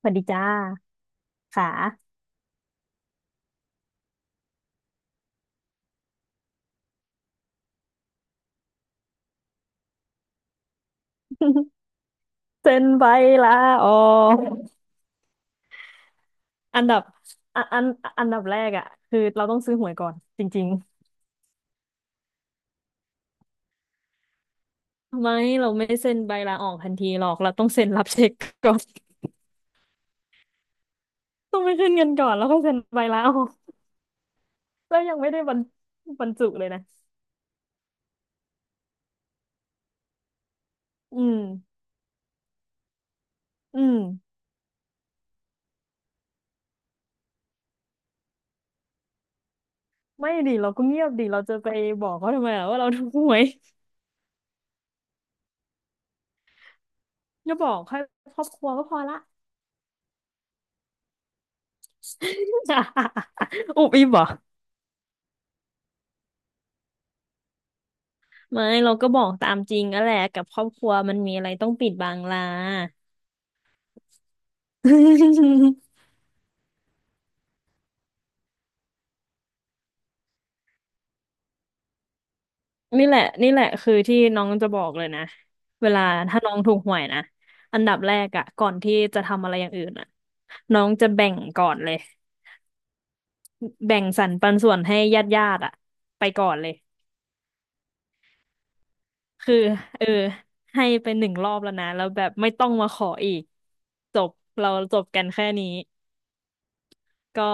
สวัสดีจ้าค่ะ เซ็นใบลาออกอันดับอันอันอันดับแรกอ่ะคือเราต้องซื้อหวยก่อนจริงๆไม่เราไม่เซ็นใบลาออกทันทีหรอกเราต้องเซ็นรับเช็คก่อน ต้องไปขึ้นเงินก่อนแล้วค่อยเซ็นใบลาออกแล้วยังไม่ได้บรรจุเลยนะอืมอืมไม่ดิเราก็เงียบดิเราจะไปบอกเขาทำไมอะว่าเราถูกหวยจะบอกให้ครอบครัวก็พอละ อุบอิบเหรอ ไม่เราก็บอกตามจริงนั่นแหละกับครอบครัวมันมีอะไรต้องปิดบังล่ะ นี่แหละนี่แหละคือที่น้องจะบอกเลยนะเวลาถ้าน้องถูกหวยนะอันดับแรกอะก่อนที่จะทำอะไรอย่างอื่นอะน้องจะแบ่งก่อนเลยแบ่งสรรปันส่วนให้ญาติญาติอะไปก่อนเลยคือเออให้ไปหนึ่งรอบแล้วนะแล้วแบบไม่ต้องมาขออีกจบเราจบกันแค่นี้ก็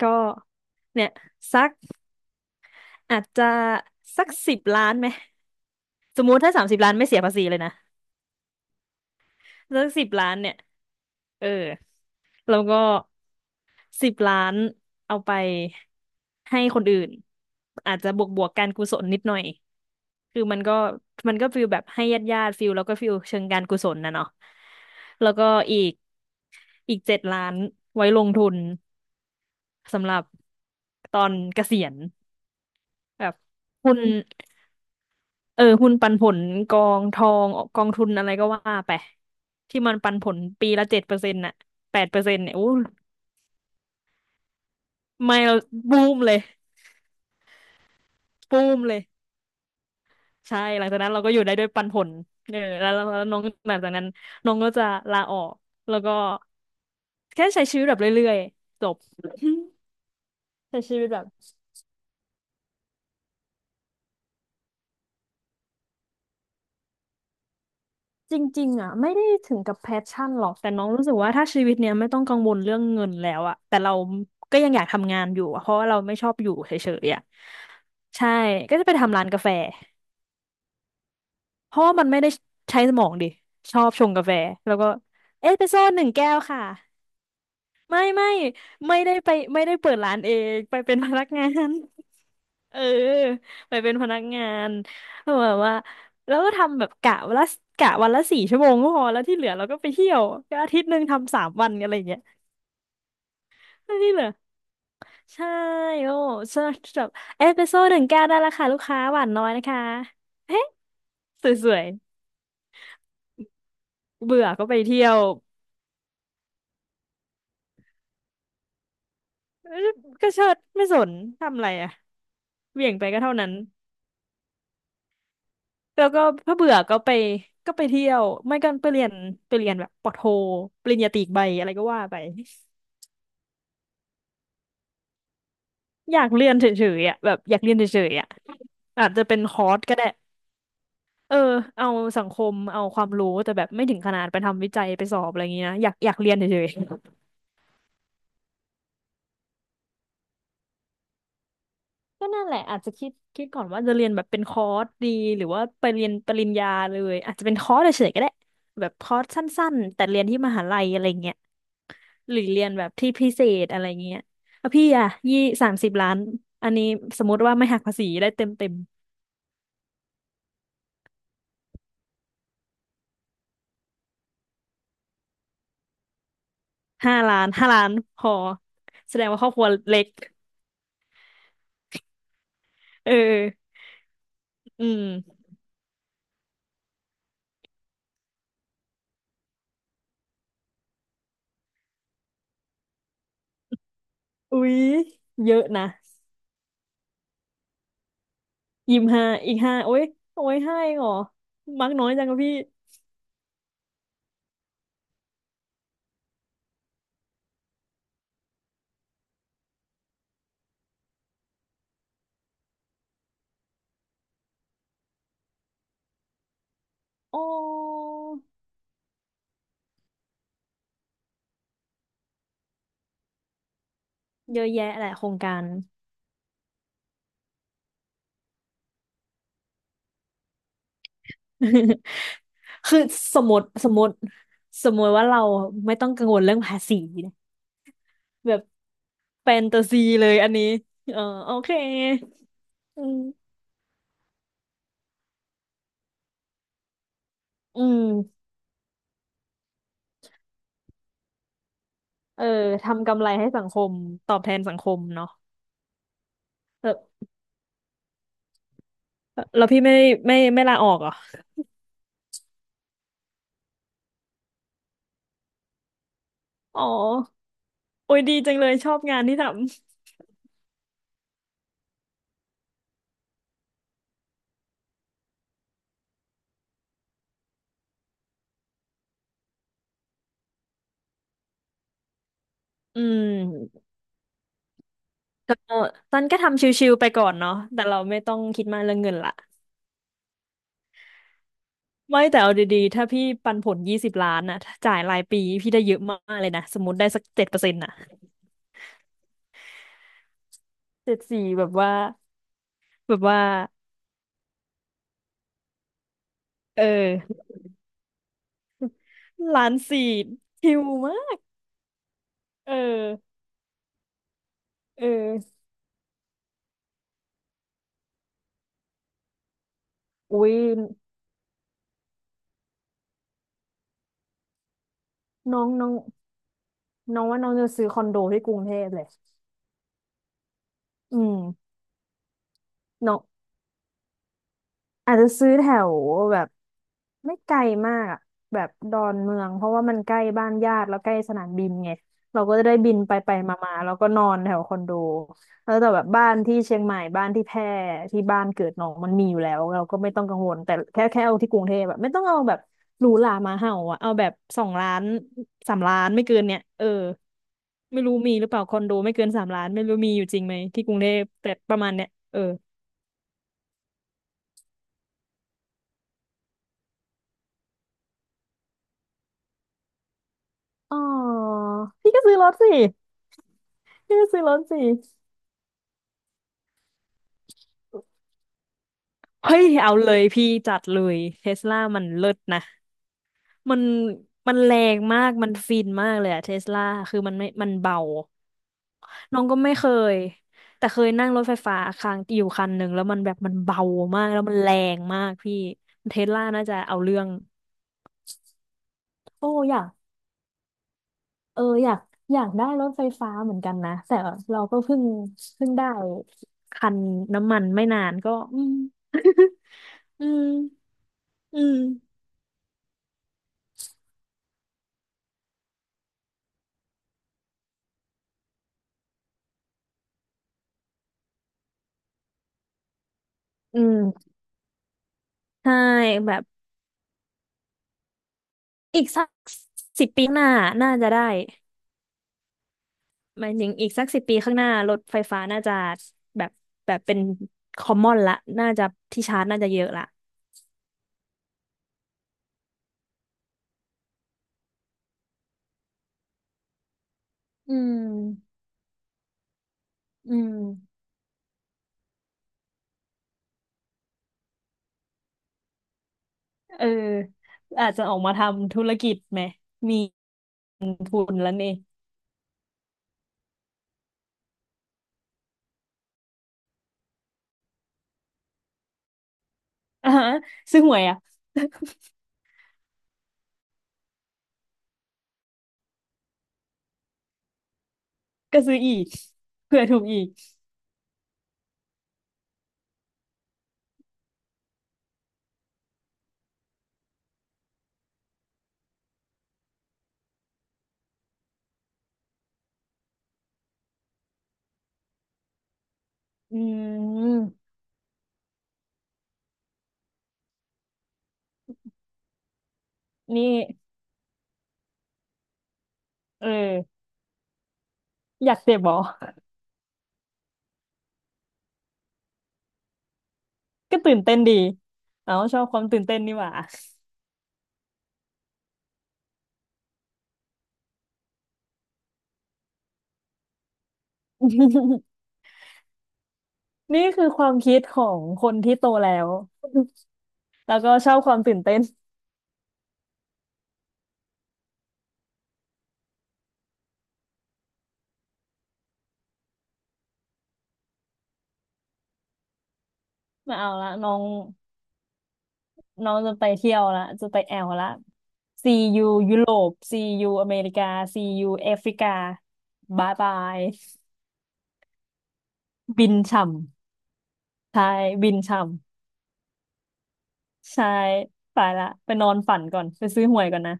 ก็เนี่ยสัก อาจจะสัก10 ล้านไหมสมมุติถ้าสามสิบล้านไม่เสียภาษีเลยนะสักสิบล้านเนี่ยเออแล้วก็สิบล้านเอาไปให้คนอื่นอาจจะบวกการกุศลนิดหน่อย คือมันก็ฟิลแบบให้ญาติญาติฟิลแล้วก็ฟิลเชิงการกุศลนะเนาะแล้วก็อีกอีก7 ล้านไว้ลงทุนสำหรับตอนเกษียณแบบคุณ เออหุ้นปันผลกองทองกองทุนอะไรก็ว่าไปที่มันปันผลปีละเจ็ดเปอร์เซ็นต์น่ะ8%เนี่ยอู้ไม่เราบูมเลยบูมเลยใช่หลังจากนั้นเราก็อยู่ได้ด้วยปันผลเออแล้วน้องหลังจากนั้นน้องก็จะลาออกแล้วก็แค่ใช้ชีวิตแบบเรื่อยๆจบ ใช้ชีวิตแบบ จริงๆอ่ะไม่ได้ถึงกับแพชชั่นหรอกแต่น้องรู้สึกว่าถ้าชีวิตเนี้ยไม่ต้องกังวลเรื่องเงินแล้วอ่ะแต่เราก็ยังอยากทำงานอยู่อะเพราะว่าเราไม่ชอบอยู่เฉยๆอ่ะใช่ก็จะไปทำร้านกาแฟเพราะว่ามันไม่ได้ใช้สมองดิชอบชงกาแฟแล้วก็เอสเปรสโซ่หนึ่งแก้วค่ะ ไม่ไม่ได้ไปไม่ได้เปิดร้านเองไปเป็นพนักงาน เออไปเป็นพนักงานแบบว่าแล้วก็ทำแบบกะวันละ4 ชั่วโมงก็พอแล้วที่เหลือเราก็ไปเที่ยวก็อาทิตย์หนึ่งทำ3 วันอะไรอย่างเงี้ยแล้วที่เหลือใช่โอ้สำหรับเอสเปรสโซ่หนึ่งแก้วได้ราคาลูกค้าหวานน้อยนะคะเฮ้สวยๆเบื่อก็ไปเที่ยวก็เชิดไม่สนทำอะไรอ่ะเหวี่ยงไปก็เท่านั้น แล้วก็ถ้าเบื่อก็ไปไปเที่ยวไม่ก็ไปเรียนไปเรียนแบบปอโทปริญญาตรีอีกใบอะไรก็ว่าไปอยากเรียนเฉยๆอ่ะแบบอยากเรียนเฉยๆอ่ะอาจจะเป็นคอร์สก็ได้เออเอาสังคมเอาความรู้แต่แบบไม่ถึงขนาดไปทำวิจัยไปสอบอะไรอย่างเงี้ยนะอยากเรียนเฉยๆก็นั่นแหละอาจจะคิดก่อนว่าจะเรียนแบบเป็นคอร์สดีหรือว่าไปเรียนปริญญาเลยอาจจะเป็นคอร์สเฉยๆก็ได้แบบคอร์สสั้นๆแต่เรียนที่มหาลัยอะไรเงี้ย หรือเรียนแบบที่พิเศษอะไรเงี้ยแล้วพี่อะสามสิบล้าน อันนี้สมมติว่าไม่หักภาษีได้เต็มห้าล้านพอแสดงว่าครอบครัวเล็กเออ อืมอุ๊ยเยอะนะยิมห้าอีกห้าโอ้ยโอ้ยห้าเองเหรอมักน้อยจังกับพี่อ๋อเยอะแยะแหละโครงการ คือสมมติสมมติสมมติว่าเราไม่ต้องกังวลเรื่องภาษีนะแบบ แฟนตาซีเลยอันนี้เออโอเคอืมอืมเออทำกำไรให้สังคมตอบแทนสังคมเนาะเออแล้วพี่ไม่ลาออกเหรออ๋อ โอ้ยดีจังเลยชอบงานที่ทำ อืมก็ตันก็ทำชิวๆไปก่อนเนาะแต่เราไม่ต้องคิดมากเรื่องเงินละไม่แต่เอาดีๆถ้าพี่ปันผล20 ล้านน่ะถ้าจ่ายรายปีพี่ได้เยอะมากเลยนะสมมติได้สักเจ็ดเปอร์เซ็นต์น่ะเจ็ดสี่แบบว่าเออล้านสี่ชิวมาก เออ เออ อุ้ยน้องน้องน้องว่าน้องจะซื้อคอนโดที่กรุงเทพเลยอืมน้อง อาจจะซื้อแถวแบบไม่ไกลมากอะแบบดอนเมืองเพราะว่ามันใกล้บ้านญาติแล้วใกล้สนามบินไงเราก็จะได้บินไปไปมามาแล้วก็นอนแถวคอนโดแล้วแต่แบบบ้านที่เชียงใหม่บ้านที่แพร่ที่บ้านเกิดน้องมันมีอยู่แล้วเราก็ไม่ต้องกังวลแต่แค่เอาที่กรุงเทพแบบไม่ต้องเอาแบบหรูหรามาเห่าอะเอาแบบ2 ล้านสามล้านไม่เกินเนี่ยเออไม่รู้มีหรือเปล่าคอนโดไม่เกินสามล้านไม่รู้มีอยู่จริงไหมที่กรุงเทพแต่ประมาณเนี้ยเอออ๋อพี่ก็ซื้อรถสิ พี่ซื้อรถสิเฮ้ยเอาเลยพี่จัดเลยเทสลามันเลิศนะมันมันแรงมากมันฟินมากเลยอะเทสลาคือมันเบาน้องก็ไม่เคยแต่เคยนั่งรถไฟฟ้าครั้งอยู่คันหนึ่งแล้วมันแบบมันเบามากแล้วมันแรงมากพี่เทสลาน่าจะเอาเรื่องโอ้อยากเอออยากได้รถไฟฟ้าเหมือนกันนะแต่เราก็เพิ่งได้คันน้ำมันไม่นานก็อืม อืมอืม อืมใช่แบบอีกสักสิบปีข้างหน้าน่าจะได้หมายถึงอีกสักสิบปีข้างหน้ารถไฟฟ้าน่าจะแบบแบบเป็นคอมมอนละน่าจะที่ชาร์จน่าจะเยอะละอืมอืมเอออาจจะออกมาทำธุรกิจไหมมีทุนแล้วเนี่ย อ่าฮะซื้อหวยอ่ะ ก็ซื้ออีกเผื่อถูกอีกอืมนี่เอออยากเสพบอ ก็ตื่นเต้นดีเอ้าชอบความตื่นเต้นนี่หว่า นี่คือความคิดของคนที่โตแล้ว แล้วก็ชอบความตื่นเต้นมาเอาละน้องน้องจะไปเที่ยวละจะไปแอลละ See you ยยุโรป See you อเมริกา See you แอฟริกาบายบายบินช่ำใช่บินช่ำใช่ไปละไปนอนฝันก่อนไปซื้อหวยก่อนนะ